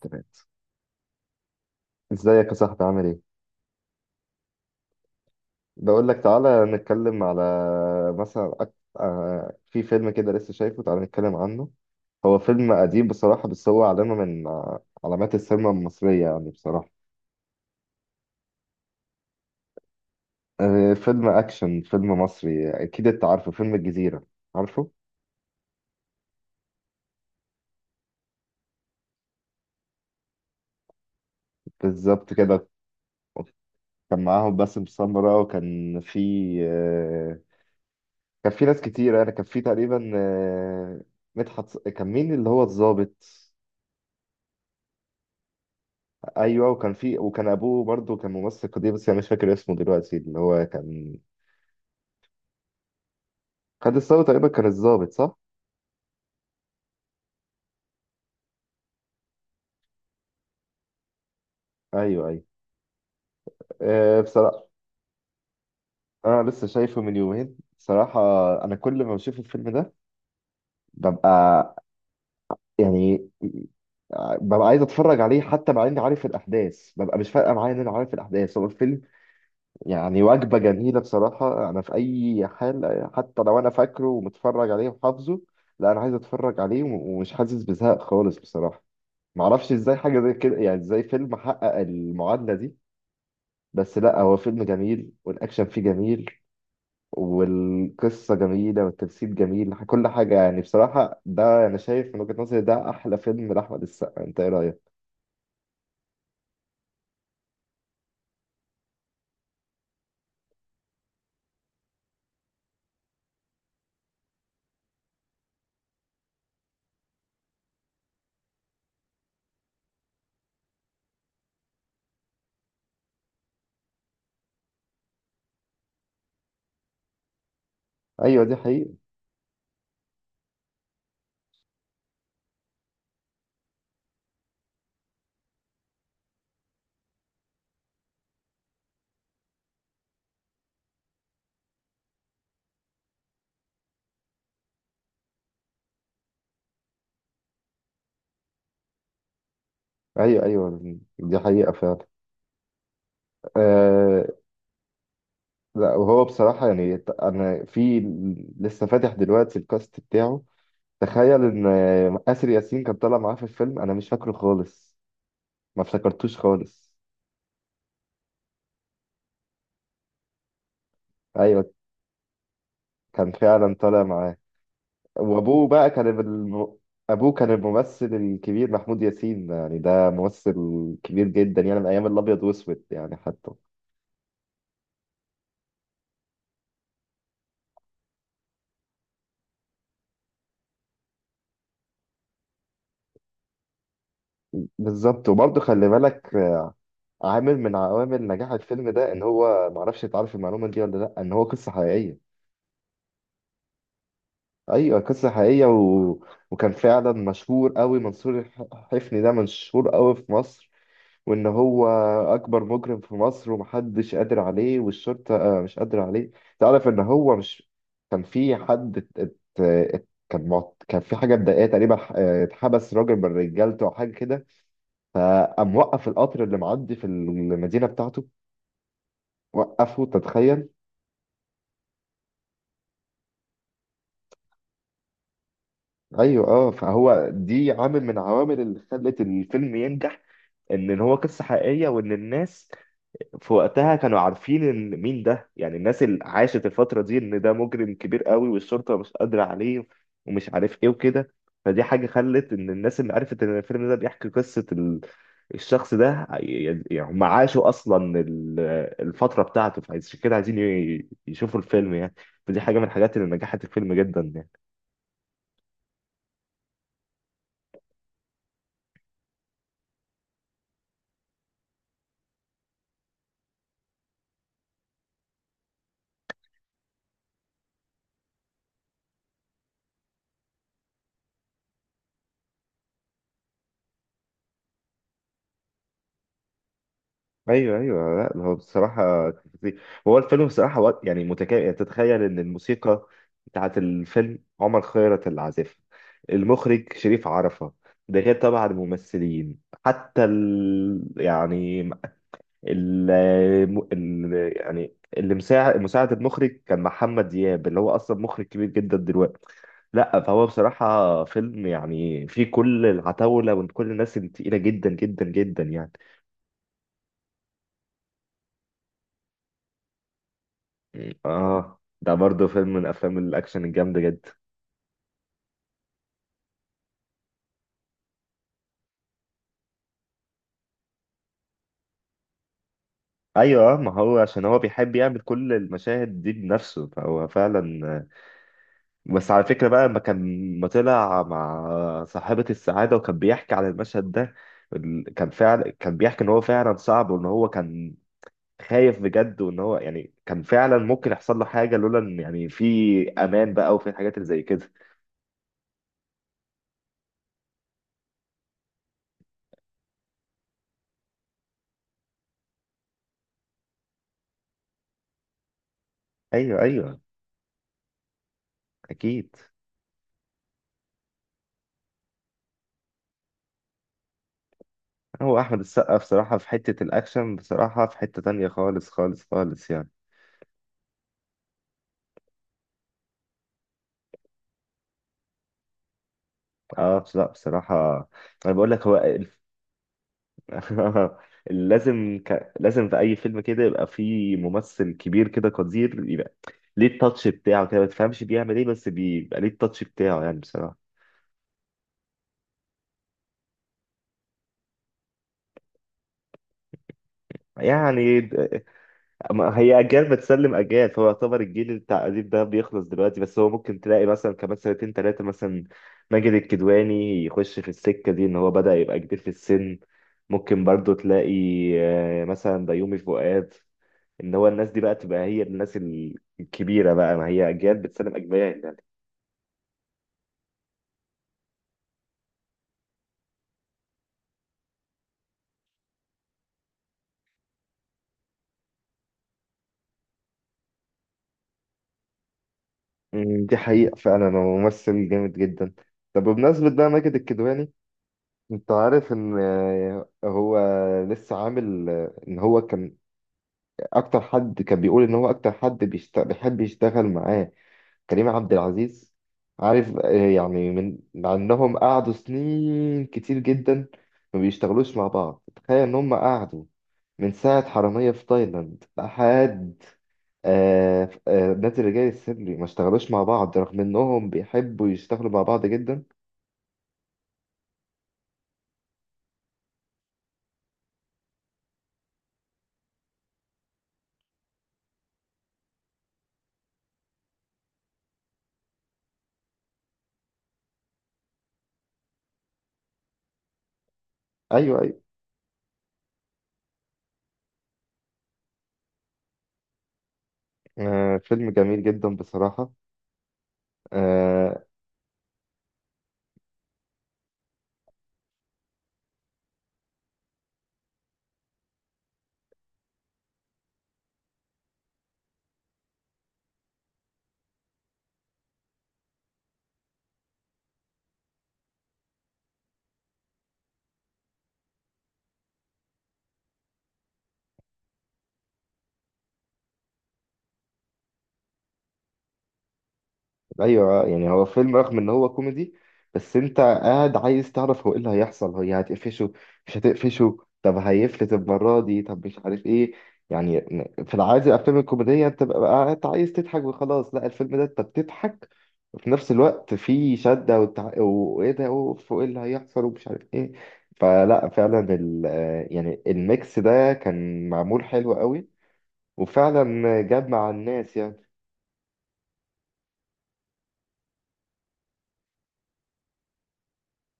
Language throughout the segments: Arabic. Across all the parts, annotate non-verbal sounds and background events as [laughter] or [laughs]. تمام. ازيك يا صاحبي؟ عامل ايه؟ بقول لك تعالى نتكلم على مثلا أك... آه في فيلم كده لسه شايفه، تعالى نتكلم عنه. هو فيلم قديم بصراحة، بس هو علامة من علامات السينما المصرية يعني بصراحة. فيلم أكشن، فيلم مصري، أكيد أنت عارفه، فيلم الجزيرة. عارفه. بالظبط كده. كان معاهم باسم سمرة، وكان في، آه كان في ناس كتير. يعني كان في تقريبا كان مين اللي هو الضابط؟ ايوه، وكان في، وكان ابوه برضه كان ممثل قديم بس انا مش فاكر اسمه دلوقتي، اللي هو كان خد الثوره تقريبا، كان الضابط صح؟ ايوه ايوه. بصراحه انا لسه شايفه من يومين بصراحه. انا كل ما بشوف الفيلم ده ببقى، يعني ببقى عايز اتفرج عليه حتى مع اني عارف الاحداث. ببقى مش فارقه معايا ان انا عارف الاحداث، هو الفيلم يعني وجبه جميله بصراحه انا، في اي حال حتى لو انا فاكره ومتفرج عليه وحافظه، لا انا عايز اتفرج عليه ومش حاسس بزهق خالص بصراحه. معرفش ازاي حاجة زي كده، يعني ازاي فيلم حقق المعادلة دي؟ بس لا، هو فيلم جميل والأكشن فيه جميل والقصة جميلة والتمثيل جميل، كل حاجة يعني بصراحة. ده أنا شايف من وجهة نظري ده أحلى فيلم لأحمد السقا، أنت إيه رأيك؟ أيوه دي حقيقة. أيوه أيوه، دي حقيقة فعلا. آه. لا وهو بصراحة يعني أنا، في، لسه فاتح دلوقتي الكاست بتاعه. تخيل إن آسر ياسين كان طالع معاه في الفيلم، أنا مش فاكره خالص، ما افتكرتوش خالص. ايوه، كان فعلا طالع معاه. وابوه بقى كان ابوه كان الممثل الكبير محمود ياسين، يعني ده ممثل كبير جدا يعني من ايام الابيض واسود يعني حتى. بالظبط. وبرضه خلي بالك، عامل من عوامل نجاح الفيلم ده ان هو، معرفش انت عارف المعلومه دي ولا لا، ان هو قصه حقيقيه. ايوه قصه حقيقيه، وكان فعلا مشهور قوي، منصور حفني، ده مشهور قوي في مصر. وان هو اكبر مجرم في مصر ومحدش قادر عليه، والشرطه مش قادره عليه. تعرف ان هو مش، كان في حد كان في حاجه مضايقاه تقريبا، اتحبس راجل من رجالته او حاجه كده، فقام وقف القطر اللي معدي في المدينه بتاعته، وقفه، تتخيل. ايوه. اه، فهو دي عامل من عوامل اللي خلت الفيلم ينجح، ان هو قصه حقيقيه، وان الناس في وقتها كانوا عارفين ان مين ده، يعني الناس اللي عاشت الفترة دي، ان ده مجرم كبير قوي والشرطة مش قادرة عليه ومش عارف ايه وكده. فدي حاجة خلت ان الناس اللي عرفت ان الفيلم ده بيحكي قصة الشخص ده يعني هم عاشوا اصلا الفترة بتاعته، فعشان كده عايزين يشوفوا الفيلم يعني. فدي حاجة من الحاجات اللي نجحت الفيلم جدا يعني. ايوه ايوه، لا هو بصراحه كان فظيع. هو الفيلم بصراحه وقت يعني متكامل. يعني تتخيل ان الموسيقى بتاعت الفيلم عمر خيرت اللي عازفها، المخرج شريف عرفة، ده غير طبعا الممثلين، حتى يعني ال... يعني اللي مساعد المخرج كان محمد دياب اللي هو اصلا مخرج كبير جدا دلوقتي. لا فهو بصراحه فيلم يعني فيه كل العتاوله وكل الناس التقيله جدا جدا جدا يعني. اه ده برضه فيلم من افلام الاكشن الجامده جدا. ايوه ما هو عشان هو بيحب يعمل كل المشاهد دي بنفسه، فهو فعلا. بس على فكره بقى لما كان، ما طلع مع صاحبه السعاده وكان بيحكي عن المشهد ده، كان فعلا كان بيحكي ان هو فعلا صعب، وان هو كان خايف بجد، وان هو يعني كان فعلا ممكن يحصل له حاجه لولا ان يعني في امان بقى وفي الحاجات اللي زي كده. ايوه ايوه. اكيد. هو احمد السقا بصراحه في حته الاكشن بصراحه في حته تانية خالص خالص خالص يعني. اه لا بصراحه انا بقول لك هو [laughs] لازم لازم في اي فيلم كده يبقى فيه ممثل كبير كده قدير، يبقى ليه التاتش بتاعه كده، ما تفهمش بيعمل ايه بس بيبقى ليه التاتش بتاعه يعني بصراحه. يعني أما هي أجيال بتسلم أجيال، فهو يعتبر الجيل بتاع أديب ده بيخلص دلوقتي، بس هو ممكن تلاقي مثلا كمان سنتين تلاتة مثلا ماجد الكدواني يخش في السكة دي، إن هو بدأ يبقى كبير في السن. ممكن برضو تلاقي مثلا بيومي فؤاد، إن هو الناس دي بقى تبقى هي الناس الكبيرة بقى، ما هي أجيال بتسلم أجيال يعني. دي حقيقة فعلا، هو ممثل جامد جدا. طب بمناسبة بقى ماجد الكدواني، انت عارف ان هو لسه عامل، ان هو كان اكتر حد كان بيقول ان هو اكتر حد بيحب يشتغل معاه كريم عبد العزيز. عارف يعني من، مع انهم قعدوا سنين كتير جدا ما بيشتغلوش مع بعض. تخيل ان هم قعدوا من ساعة حرامية في تايلاند لحد نادي الرجال السري ما اشتغلوش مع بعض، رغم انهم بيحبوا يشتغلوا مع بعض جدا. ايوه ايوه. فيلم جميل جدا بصراحة. آه، ايوه يعني هو فيلم رغم ان هو كوميدي بس انت قاعد عايز تعرف هو ايه اللي هيحصل، هي هتقفشه مش هتقفشه، طب هيفلت المره دي، طب مش عارف ايه. يعني في العادي الافلام الكوميديه انت بقى قاعد عايز تضحك وخلاص، لا الفيلم ده انت بتضحك وفي نفس الوقت في شده وايه ده، اوف، وايه اللي هيحصل ومش عارف ايه. فلا فعلا يعني الميكس ده كان معمول حلو قوي وفعلا جاب مع الناس يعني.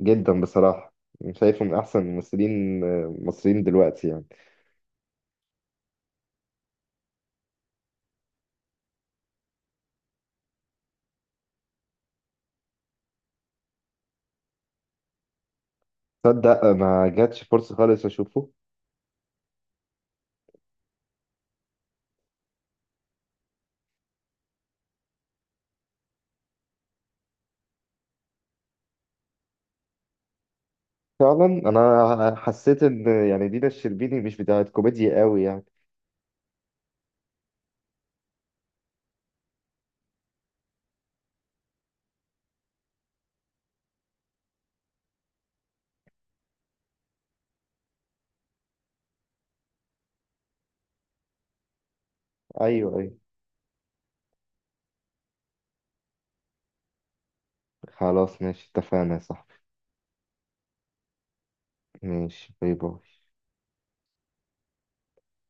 جدا بصراحة، شايفه من أحسن الممثلين المصريين دلوقتي يعني. تصدق ما جاتش فرصة خالص أشوفه. فعلا أنا حسيت إن يعني دينا الشربيني مش بتاعت كوميديا قوي يعني. أيوه أيوه. خلاص ماشي، اتفقنا يا صاحبي. ماشي، باي باي.